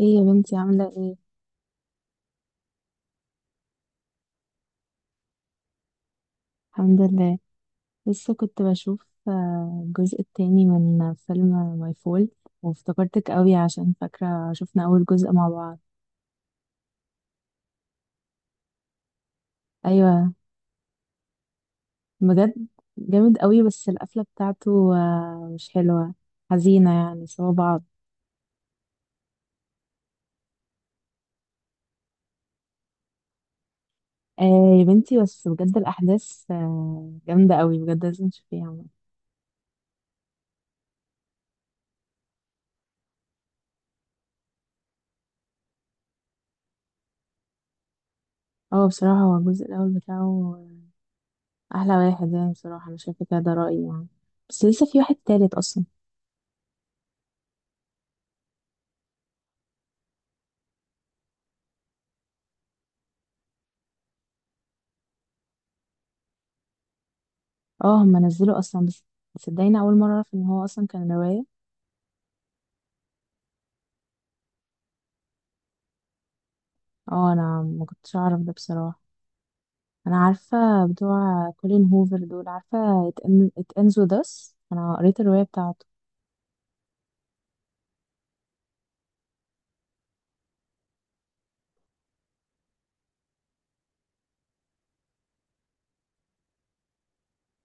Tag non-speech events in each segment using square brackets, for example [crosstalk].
ايه يا بنتي عاملة ايه؟ الحمد لله. لسه كنت بشوف الجزء التاني من فيلم ماي فول، وافتكرتك قوي عشان فاكرة شفنا أول جزء مع بعض. أيوة، بجد. جامد قوي بس القفلة بتاعته مش حلوة، حزينة يعني سوا بعض. آه يا بنتي، بس بجد الأحداث جامدة قوي بجد، لازم تشوفيها. اه، بصراحة هو الجزء الأول بتاعه أحلى واحد يعني، بصراحة أنا شايفة كده، ده رأيي يعني. بس لسه في واحد تالت أصلا. اه، هم نزلوا اصلا بس صدقيني اول مره اعرف ان هو اصلا كان روايه. اه، انا ما كنتش اعرف ده بصراحه. انا عارفه بتوع كولين هوفر دول، عارفه It Ends With Us، انا قريت الروايه بتاعته.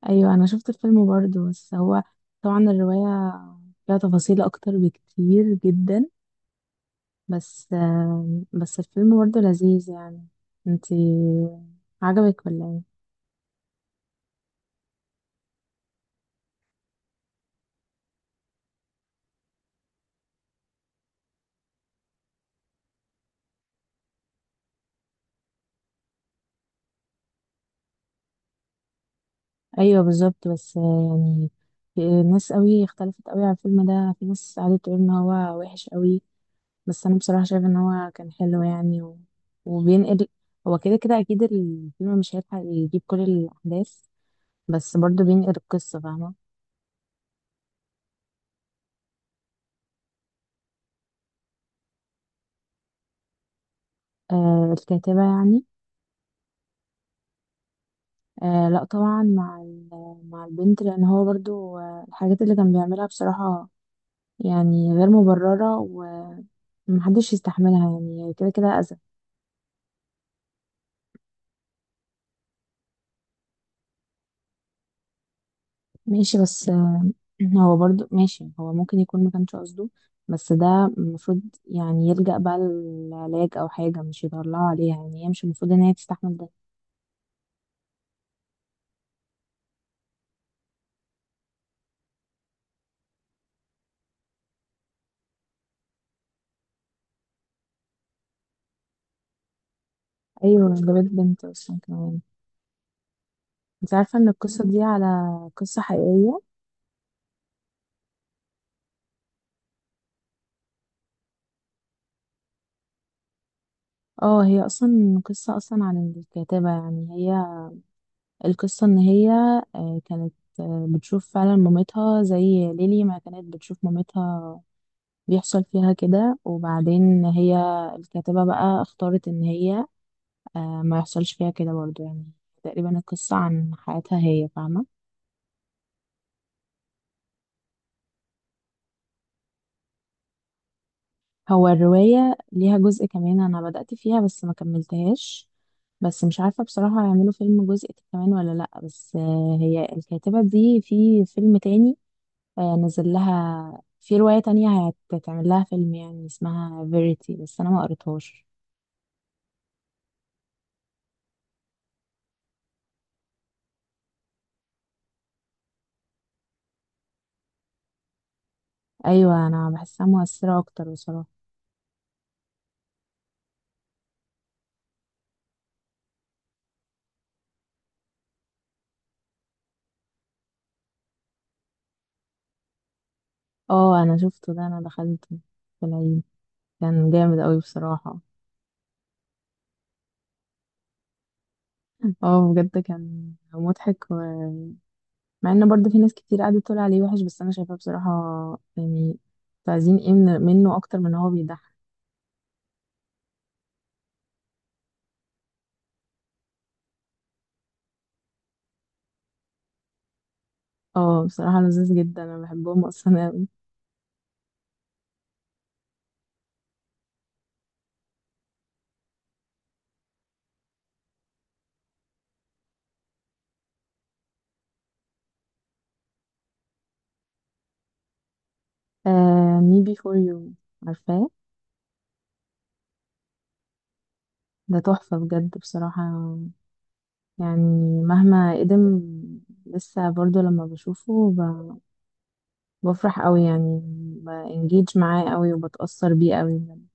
ايوه، انا شفت الفيلم برضه، بس هو طبعا الروايه فيها تفاصيل اكتر بكتير جدا، بس الفيلم برضه لذيذ يعني. انتي عجبك ولا ايه؟ ايوه بالظبط، بس يعني في ناس قوي اختلفت قوي على الفيلم ده، في ناس قعدت تقول ان هو وحش قوي، بس انا بصراحه شايفه ان هو كان حلو يعني. وبينقل، هو كده كده اكيد الفيلم مش هيلحق يجيب كل الاحداث، بس برضه بينقل القصه، فاهمه. آه، الكاتبه يعني. آه لا طبعا مع البنت، لان هو برضه الحاجات اللي كان بيعملها بصراحه يعني غير مبرره، ومحدش يستحملها، يعني كده كده اذى. ماشي، بس هو برضو ماشي، هو ممكن يكون ما كانش قصده بس ده المفروض يعني يلجأ بقى للعلاج او حاجة، مش يطلعوا عليها، يعني هي مش المفروض ان هي تستحمل ده. ايوه، ده بيت بنت اصلا كمان. انت عارفة ان القصة دي على قصة حقيقية. اه، هي اصلا قصة اصلا عن الكاتبة يعني، هي القصة ان هي كانت بتشوف فعلا مامتها زي ليلي ما كانت بتشوف مامتها، بيحصل فيها كده، وبعدين هي الكاتبة بقى اختارت ان هي ما يحصلش فيها كده برضو يعني. تقريبا القصة عن حياتها هي، فاهمة. هو الرواية ليها جزء كمان، أنا بدأت فيها بس ما كملتهاش، بس مش عارفة بصراحة هيعملوا فيلم جزء كمان ولا لأ، بس هي الكاتبة دي في فيلم تاني نزل لها، في رواية تانية هتتعمل لها فيلم يعني اسمها فيريتي، بس أنا ما قريتهاش. أيوة، أنا بحسها مؤثرة أكتر بصراحة. اه، أنا شفته ده، أنا دخلته في العيد، كان جامد أوي بصراحة. اه، بجد كان مضحك. مع ان برضه في ناس كتير قعدت تقول عليه وحش، بس انا شايفاه بصراحة، يعني تعزين ايه منه اكتر من هو بيضحك. اه، بصراحة لذيذ جدا انا بحبهم [laughs] اصلا اوي. آه، مي بي فور يو، عارفاه. ده تحفة بجد بصراحة، يعني مهما قدم لسه برضه لما بشوفه، بفرح قوي يعني، بانجيج معاه قوي وبتأثر بيه قوي بجد.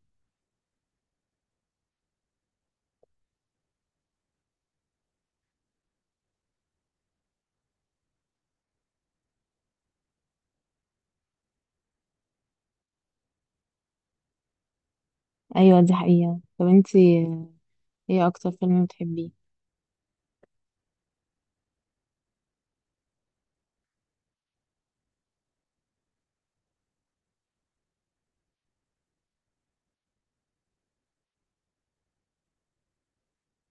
ايوه دي حقيقة. طب انتي، ايه اكتر فيلم بتحبيه؟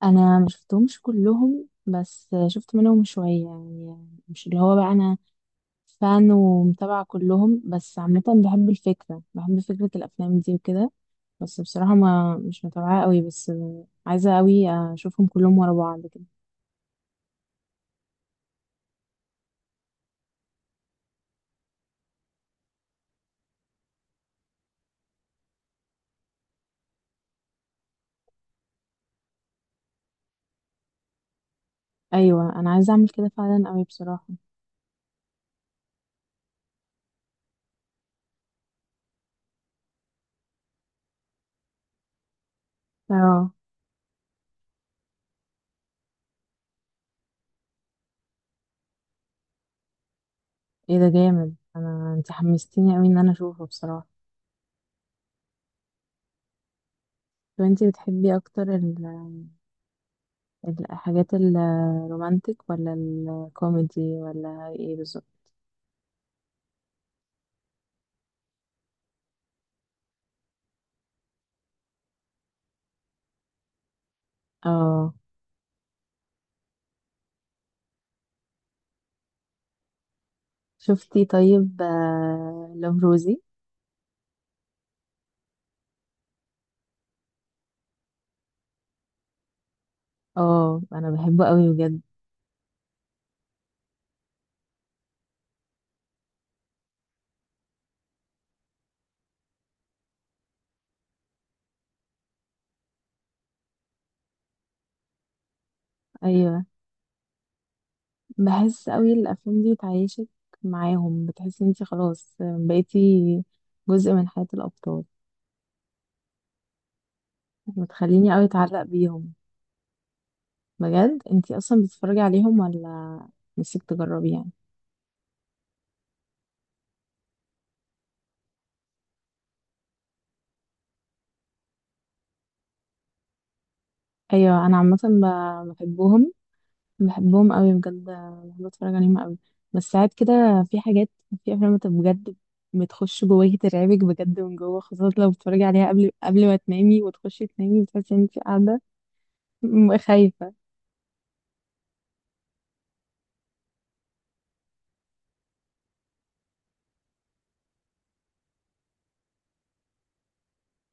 انا ما شفتهمش كلهم، بس شفت منهم شويه يعني، مش اللي هو بقى انا فان ومتابعه كلهم، بس عامه بحب الفكره، بحب فكره الافلام دي وكده، بس بصراحه ما مش متابعه قوي، بس عايزه قوي اشوفهم كلهم ورا بعض كده. ايوه، انا عايزه اعمل كده فعلا قوي بصراحه. اه، ايه ده جامد، انت حمستيني قوي ان انا اشوفه بصراحه. طب انت بتحبي اكتر الحاجات الرومانتك، ولا الكوميدي، ولا ايه بالظبط؟ اه شفتي، طيب لوف روزي. اه، انا بحبه قوي بجد. ايوه، بحس قوي الافلام دي بتعيشك معاهم، بتحسي انتي خلاص بقيتي جزء من حياة الابطال، بتخليني قوي اتعلق بيهم. بجد انتي اصلا بتتفرجي عليهم، ولا نفسك تجربي يعني؟ ايوه، انا عامة بحبهم، بحبهم قوي بجد، بحب اتفرج عليهم قوي، بس ساعات كده في حاجات، في افلام انت بجد بتخش جواكي، ترعبك بجد من جوه، خاصة لو بتتفرجي عليها قبل ما تنامي، وتخشي تنامي بتحسي ان انت قاعدة خايفة.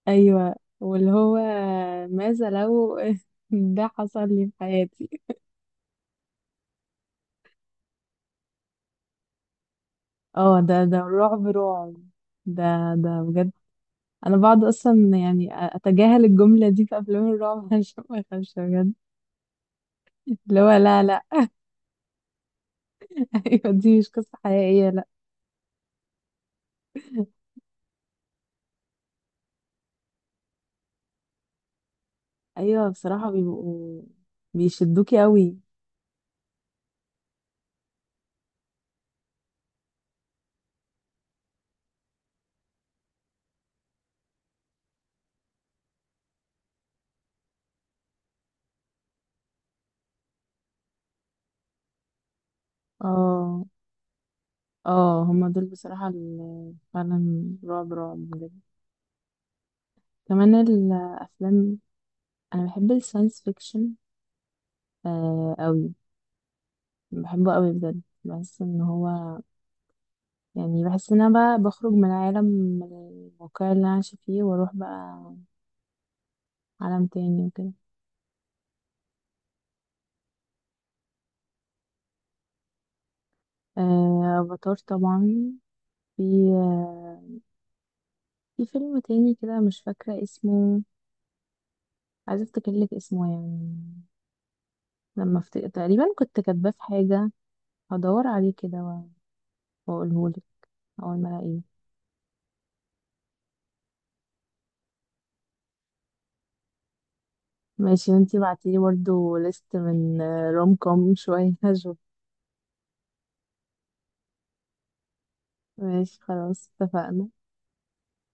ايوه، واللي هو ماذا لو [laughs] ده حصل لي في حياتي. اه ده رعب رعب، ده ده بجد. انا بقعد اصلا يعني اتجاهل الجملة دي في افلام الرعب [laughs] عشان ما اخافش بجد. اللي هو لا لا [laughs] ايوه، دي مش قصة حقيقية، لا. ايوه، بصراحة بيبقوا بيشدوكي قوي. اه اه، هما دول بصراحة اللي فعلا رعب رعب بجد، كمان الافلام. انا بحب الساينس فيكشن قوي، بحبه قوي بجد، بحس ان هو، يعني بحس ان انا بقى بخرج من عالم، من الواقع اللي انا عايشة فيه، واروح بقى عالم تاني وكده. آه، افاتار طبعا. في آه في فيلم تاني كده مش فاكرة اسمه، عايزة افتكرلك اسمه يعني، تقريبا كنت كاتباه في حاجة، هدور عليه كده واقوله لك اول ما الاقيه. ماشي، وانتي بعتيلي برضه ليست من روم كوم [laughs] شوية هشوف. ماشي خلاص، اتفقنا.